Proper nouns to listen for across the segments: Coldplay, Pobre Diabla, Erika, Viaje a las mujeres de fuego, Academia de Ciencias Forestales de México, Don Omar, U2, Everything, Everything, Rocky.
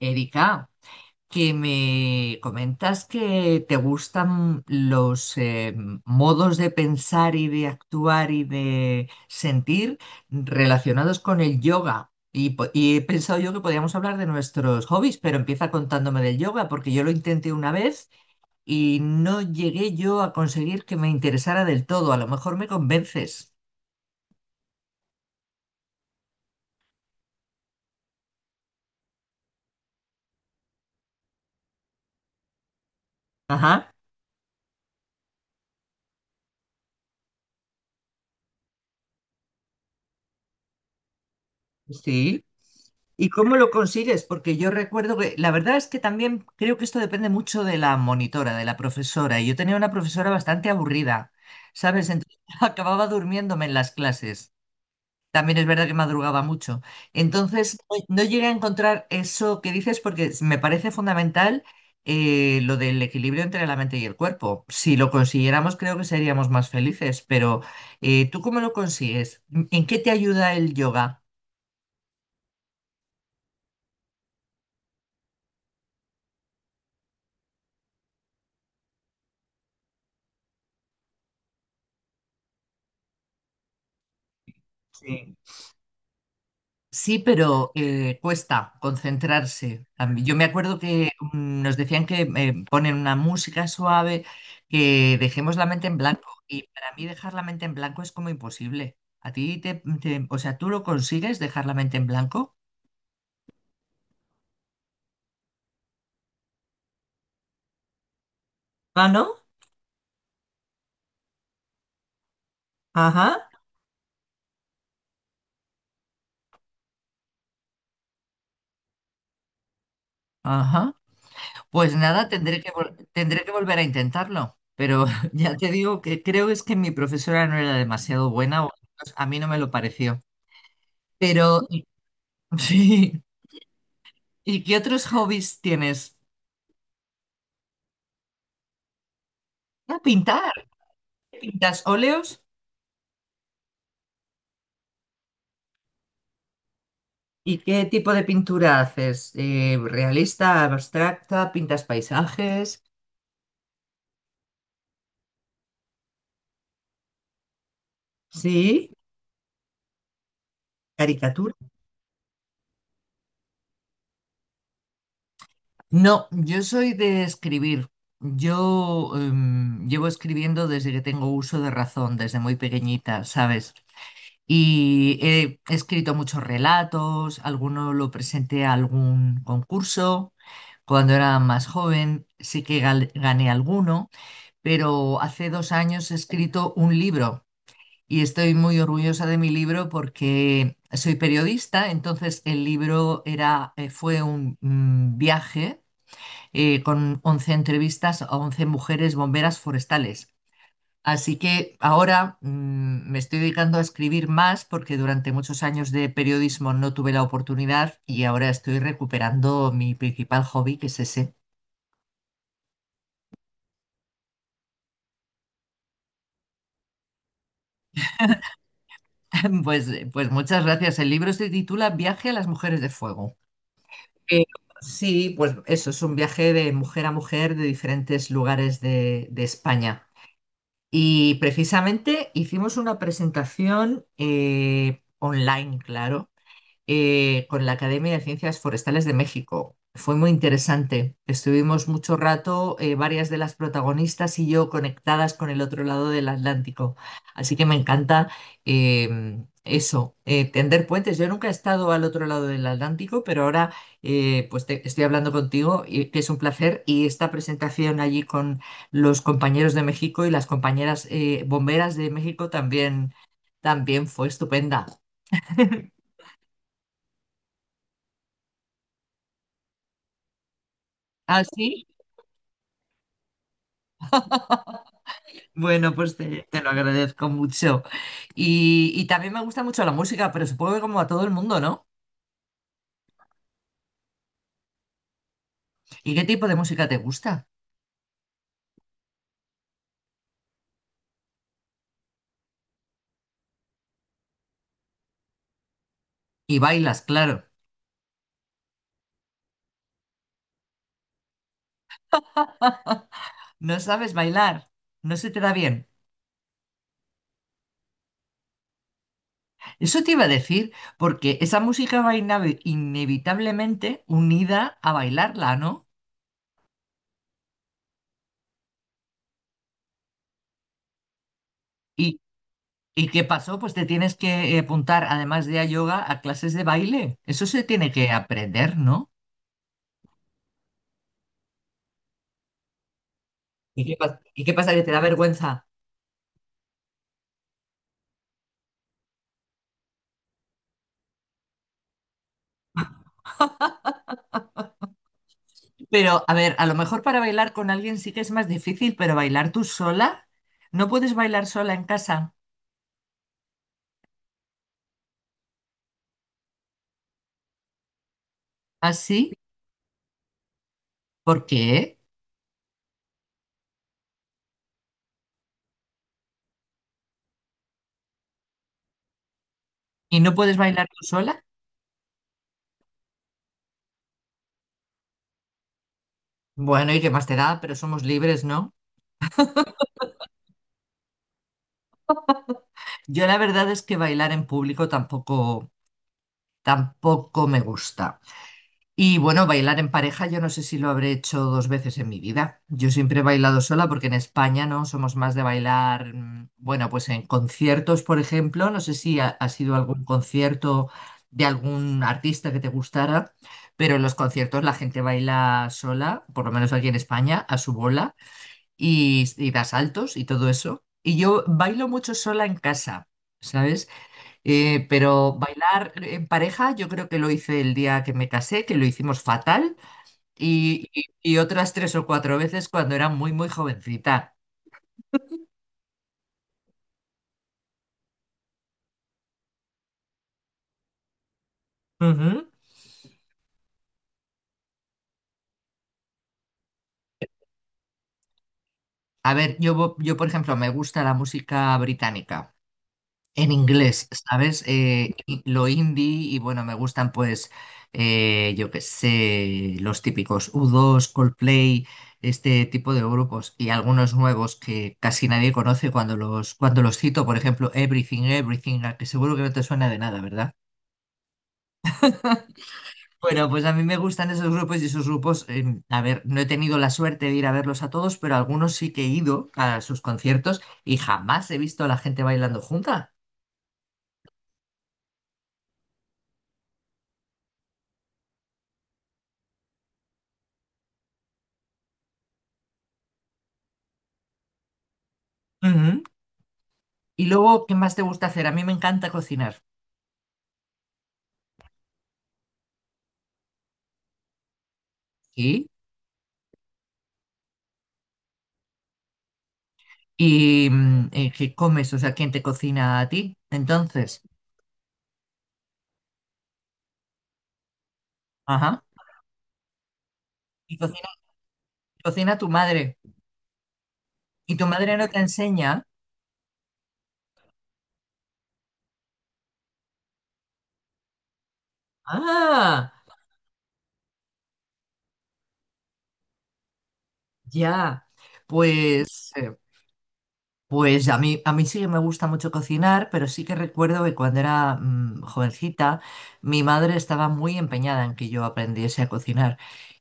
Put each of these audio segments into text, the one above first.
Erika, que me comentas que te gustan los modos de pensar y de actuar y de sentir relacionados con el yoga. Y he pensado yo que podíamos hablar de nuestros hobbies, pero empieza contándome del yoga, porque yo lo intenté una vez y no llegué yo a conseguir que me interesara del todo. A lo mejor me convences. Ajá, sí. ¿Y cómo lo consigues? Porque yo recuerdo que la verdad es que también creo que esto depende mucho de la monitora, de la profesora. Y yo tenía una profesora bastante aburrida, ¿sabes? Entonces acababa durmiéndome en las clases. También es verdad que madrugaba mucho. Entonces no llegué a encontrar eso que dices porque me parece fundamental, lo del equilibrio entre la mente y el cuerpo. Si lo consiguiéramos, creo que seríamos más felices. Pero ¿tú cómo lo consigues? ¿En qué te ayuda el yoga? Sí, pero cuesta concentrarse. Yo me acuerdo que nos decían que ponen una música suave, que dejemos la mente en blanco. Y para mí dejar la mente en blanco es como imposible. A ti o sea, ¿tú lo consigues dejar la mente en blanco? Ah, ¿no? Ajá. Ajá. Pues nada, tendré que volver a intentarlo. Pero ya te digo que creo es que mi profesora no era demasiado buena, o al menos a mí no me lo pareció. Pero sí. ¿Y qué otros hobbies tienes? Ah, pintar. ¿Pintas óleos? ¿Y qué tipo de pintura haces? ¿Realista, abstracta? ¿Pintas paisajes? ¿Sí? ¿Caricatura? No, yo soy de escribir. Yo llevo escribiendo desde que tengo uso de razón, desde muy pequeñita, ¿sabes? Y he escrito muchos relatos, alguno lo presenté a algún concurso cuando era más joven, sí que gané alguno. Pero hace 2 años he escrito un libro y estoy muy orgullosa de mi libro porque soy periodista, entonces el libro era, fue un viaje con 11 entrevistas a 11 mujeres bomberas forestales. Así que ahora me estoy dedicando a escribir más porque durante muchos años de periodismo no tuve la oportunidad y ahora estoy recuperando mi principal hobby, que es ese. Pues, pues muchas gracias. El libro se titula Viaje a las mujeres de fuego. Eh, sí, pues eso, es un viaje de mujer a mujer de diferentes lugares de España. Y precisamente hicimos una presentación online, claro, con la Academia de Ciencias Forestales de México. Fue muy interesante. Estuvimos mucho rato, varias de las protagonistas y yo conectadas con el otro lado del Atlántico. Así que me encanta eso, tender puentes. Yo nunca he estado al otro lado del Atlántico, pero ahora, pues estoy hablando contigo, y, que es un placer. Y esta presentación allí con los compañeros de México y las compañeras bomberas de México también, también fue estupenda. ¿Ah, sí? Bueno, pues te lo agradezco mucho. Y también me gusta mucho la música, pero supongo que como a todo el mundo, ¿no? ¿Y qué tipo de música te gusta? Y bailas, claro. No sabes bailar, no se te da bien. Eso te iba a decir, porque esa música va inevitablemente unida a bailarla, ¿no? ¿Y, y qué pasó? Pues te tienes que apuntar, además de a yoga, a clases de baile. Eso se tiene que aprender, ¿no? ¿Y qué, y qué pasa? ¿Que te da vergüenza? Pero, a ver, a lo mejor para bailar con alguien sí que es más difícil, pero bailar tú sola, ¿no puedes bailar sola en casa? ¿Así? ¿Por qué? ¿Y no puedes bailar tú sola? Bueno, ¿y qué más te da? Pero somos libres, ¿no? Yo la verdad es que bailar en público tampoco, tampoco me gusta. Y bueno, bailar en pareja, yo no sé si lo habré hecho 2 veces en mi vida. Yo siempre he bailado sola porque en España no somos más de bailar, bueno, pues en conciertos, por ejemplo. No sé si ha sido algún concierto de algún artista que te gustara, pero en los conciertos la gente baila sola, por lo menos aquí en España, a su bola y da saltos y todo eso. Y yo bailo mucho sola en casa, ¿sabes? Pero bailar en pareja, yo creo que lo hice el día que me casé, que lo hicimos fatal, y otras 3 o 4 veces cuando era muy, muy jovencita. Ujú. A ver, por ejemplo, me gusta la música británica. En inglés, ¿sabes? Y lo indie y bueno, me gustan pues, yo qué sé, los típicos U2, Coldplay, este tipo de grupos y algunos nuevos que casi nadie conoce cuando cuando los cito, por ejemplo, Everything, Everything, a que seguro que no te suena de nada, ¿verdad? Bueno, pues a mí me gustan esos grupos y esos grupos, a ver, no he tenido la suerte de ir a verlos a todos, pero algunos sí que he ido a sus conciertos y jamás he visto a la gente bailando junta. Ujú. Y luego, ¿qué más te gusta hacer? A mí me encanta cocinar. ¿Sí? ¿Y qué comes? O sea, ¿quién te cocina a ti? Entonces, ajá. Y cocina tu madre. ¿Y tu madre no te enseña? Ah, ya. Pues eh, pues a mí sí que me gusta mucho cocinar, pero sí que recuerdo que cuando era jovencita, mi madre estaba muy empeñada en que yo aprendiese a cocinar.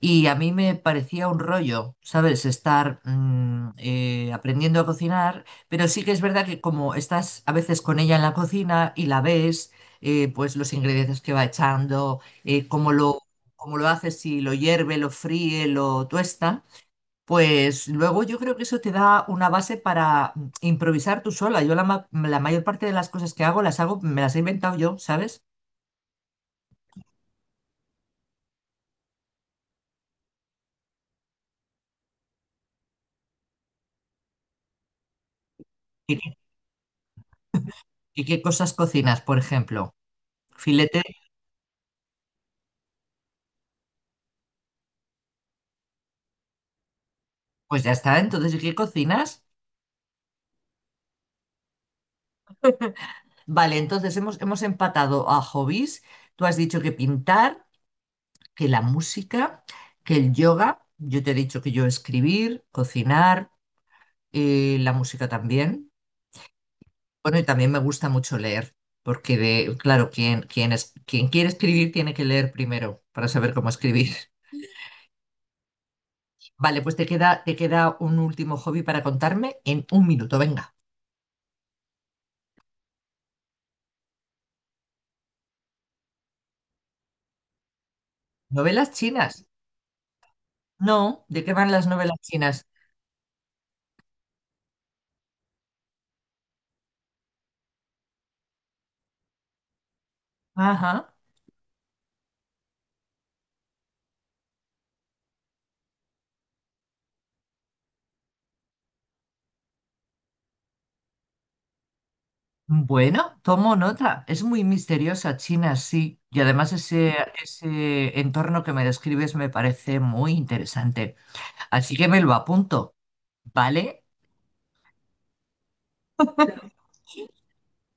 Y a mí me parecía un rollo, ¿sabes? Estar aprendiendo a cocinar, pero sí que es verdad que como estás a veces con ella en la cocina y la ves, pues los ingredientes que va echando, cómo lo hace, si lo hierve, lo fríe, lo tuesta. Pues luego yo creo que eso te da una base para improvisar tú sola. Yo la mayor parte de las cosas que hago las hago, me las he inventado yo, ¿sabes? ¿Y qué, y qué cosas cocinas, por ejemplo? Filete, pues ya está. Entonces, ¿y qué cocinas? Vale, entonces hemos empatado a hobbies. Tú has dicho que pintar, que la música, que el yoga. Yo te he dicho que yo escribir, cocinar, la música también. Bueno, y también me gusta mucho leer, porque de, claro, quien quiere escribir tiene que leer primero para saber cómo escribir. Vale, pues te queda un último hobby para contarme en un minuto, venga. ¿Novelas chinas? No, ¿de qué van las novelas chinas? Ajá. Bueno, tomo nota. Es muy misteriosa China, sí. Y además ese, ese entorno que me describes me parece muy interesante. Así que me lo apunto, ¿vale?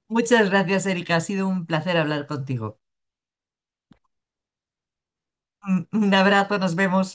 Muchas gracias, Erika. Ha sido un placer hablar contigo. Un abrazo, nos vemos.